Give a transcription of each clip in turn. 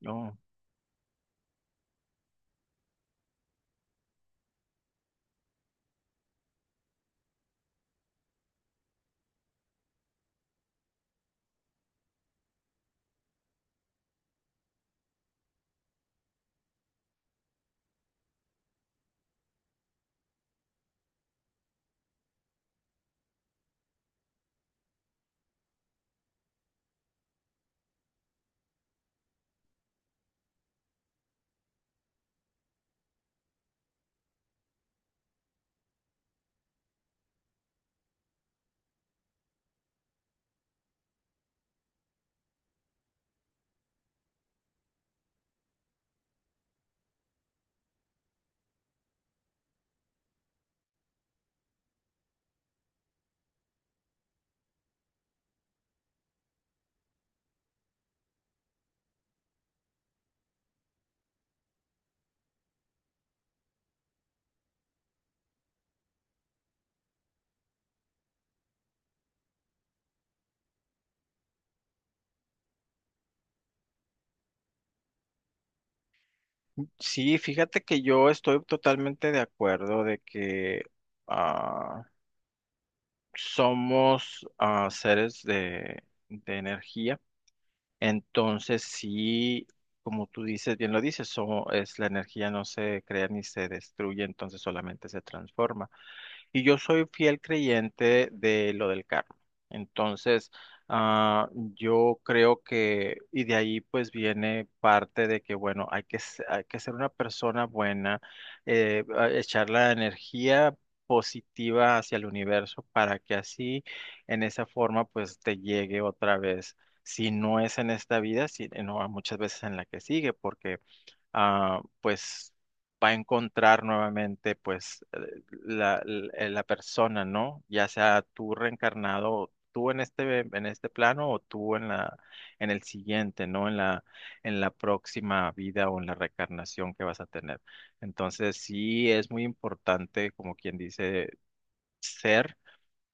No. Sí, fíjate que yo estoy totalmente de acuerdo de que ah, somos seres de energía. Entonces, sí, como tú dices, bien lo dices, so- es la energía no se crea ni se destruye, entonces solamente se transforma. Y yo soy fiel creyente de lo del karma. Entonces, yo creo que, y de ahí pues viene parte de que, bueno, hay que ser una persona buena, echar la energía positiva hacia el universo para que así, en esa forma, pues te llegue otra vez. Si no es en esta vida, si, no, muchas veces en la que sigue, porque pues va a encontrar nuevamente pues la persona, ¿no? Ya sea tú reencarnado, tú en este plano o tú en la, en el siguiente, ¿no? En la próxima vida o en la reencarnación que vas a tener. Entonces sí es muy importante, como quien dice, ser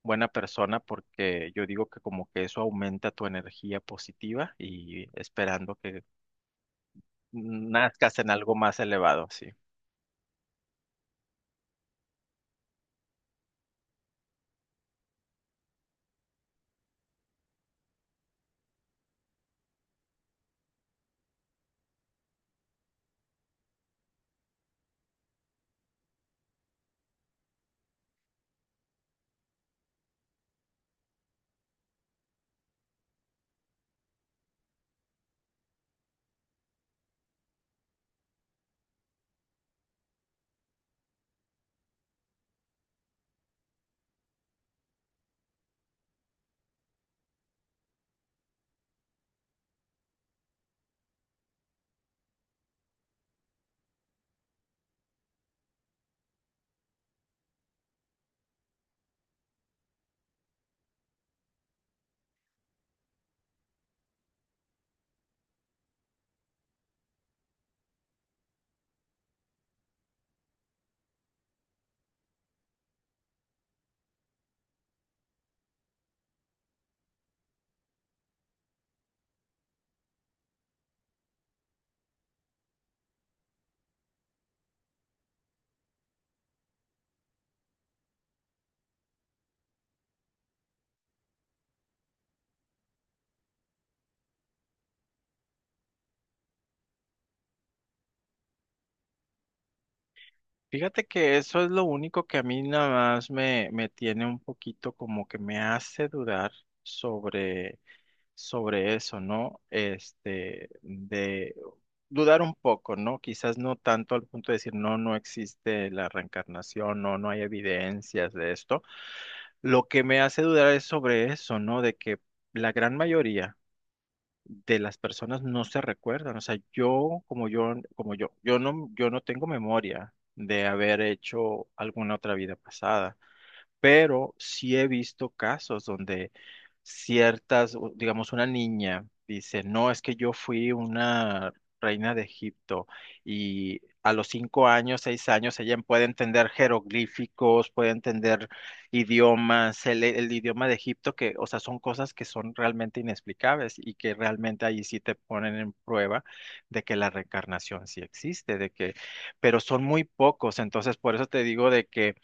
buena persona porque yo digo que como que eso aumenta tu energía positiva y esperando que nazcas en algo más elevado, sí. Fíjate que eso es lo único que a mí nada más me tiene un poquito como que me hace dudar sobre, sobre eso, ¿no? Este, de dudar un poco, ¿no? Quizás no tanto al punto de decir, no, no existe la reencarnación, no, no hay evidencias de esto. Lo que me hace dudar es sobre eso, ¿no? De que la gran mayoría de las personas no se recuerdan. O sea, como yo, yo no tengo memoria de haber hecho alguna otra vida pasada pero sí he visto casos donde ciertas, digamos, una niña dice, no, es que yo fui una reina de Egipto y a los 5 años, 6 años, ella puede entender jeroglíficos, puede entender idiomas, el idioma de Egipto, que, o sea, son cosas que son realmente inexplicables y que realmente ahí sí te ponen en prueba de que la reencarnación sí existe, de que, pero son muy pocos, entonces por eso te digo de que...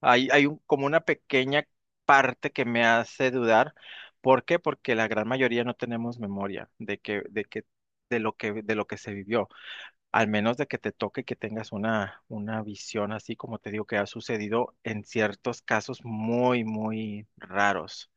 Hay como una pequeña parte que me hace dudar. ¿Por qué? Porque la gran mayoría no tenemos memoria de lo que se vivió. Al menos de que te toque que tengas una visión así, como te digo, que ha sucedido en ciertos casos muy, muy raros.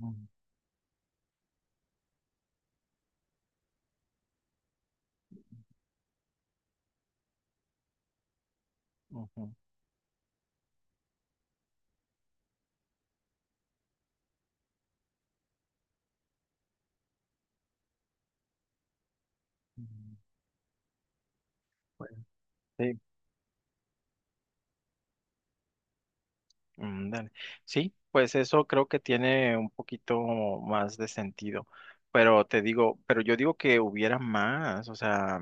Mm, ujú. Mm, bueno, sí. Mm, dale. Sí, pues eso creo que tiene un poquito más de sentido. Pero te digo, pero yo digo que hubiera más, o sea.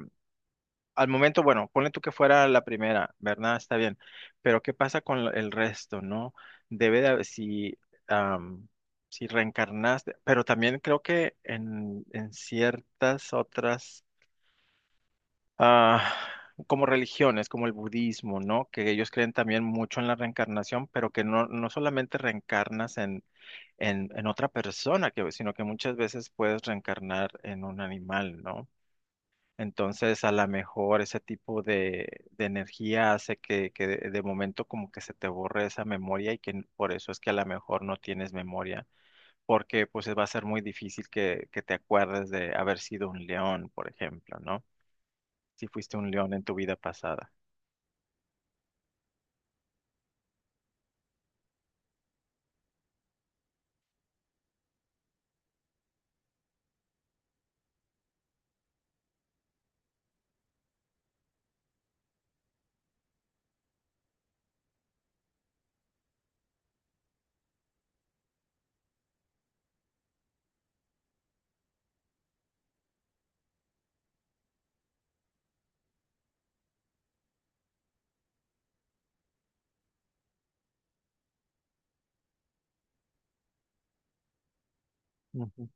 Al momento, bueno, ponle tú que fuera la primera, ¿verdad? Está bien. Pero ¿qué pasa con el resto, no? Debe de haber, am, si reencarnaste, pero también creo que en ciertas otras, ah, como religiones, como el budismo, ¿no? Que ellos creen también mucho en la reencarnación, pero que no, no solamente reencarnas en otra persona, sino que muchas veces puedes reencarnar en un animal, ¿no? Entonces, a lo mejor ese tipo de energía hace que de momento como que se te borre esa memoria y por eso es que a lo mejor no tienes memoria, porque pues va a ser muy difícil que te acuerdes de haber sido un león, por ejemplo, ¿no? Si fuiste un león en tu vida pasada. Ujú,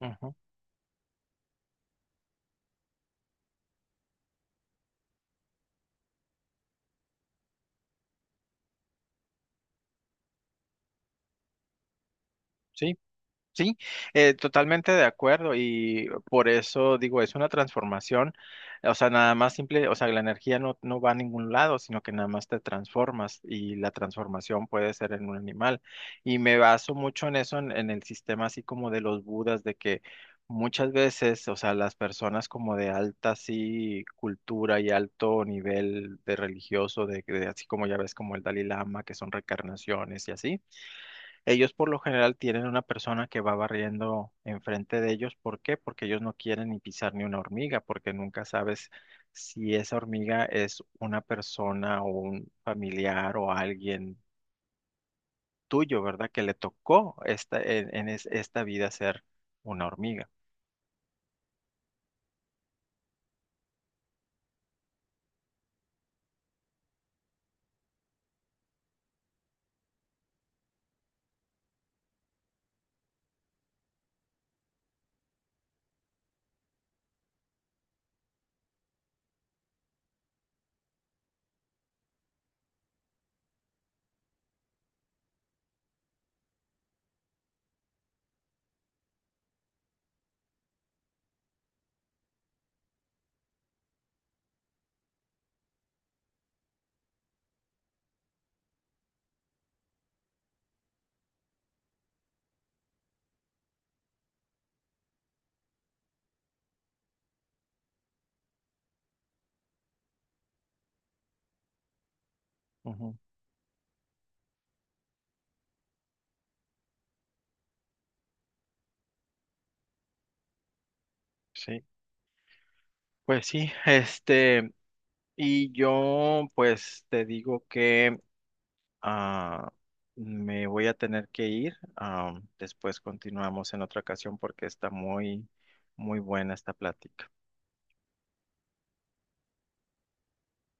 ujú. Sí, sí, totalmente de acuerdo y por eso digo, es una transformación, o sea, nada más simple, o sea, la energía no va a ningún lado, sino que nada más te transformas y la transformación puede ser en un animal. Y me baso mucho en eso, en el sistema así como de los budas, de que muchas veces, o sea, las personas como de alta así cultura y alto nivel de religioso, de así como ya ves como el Dalai Lama, que son reencarnaciones y así. Ellos por lo general tienen una persona que va barriendo enfrente de ellos. ¿Por qué? Porque ellos no quieren ni pisar ni una hormiga, porque nunca sabes si esa hormiga es una persona o un familiar o alguien tuyo, ¿verdad? Que le tocó esta, en es- esta vida ser una hormiga. Ujú, sí, pues sí, este, y yo pues te digo que Ah, me voy a tener que ir. Después continuamos en otra ocasión porque está muy, muy buena esta plática.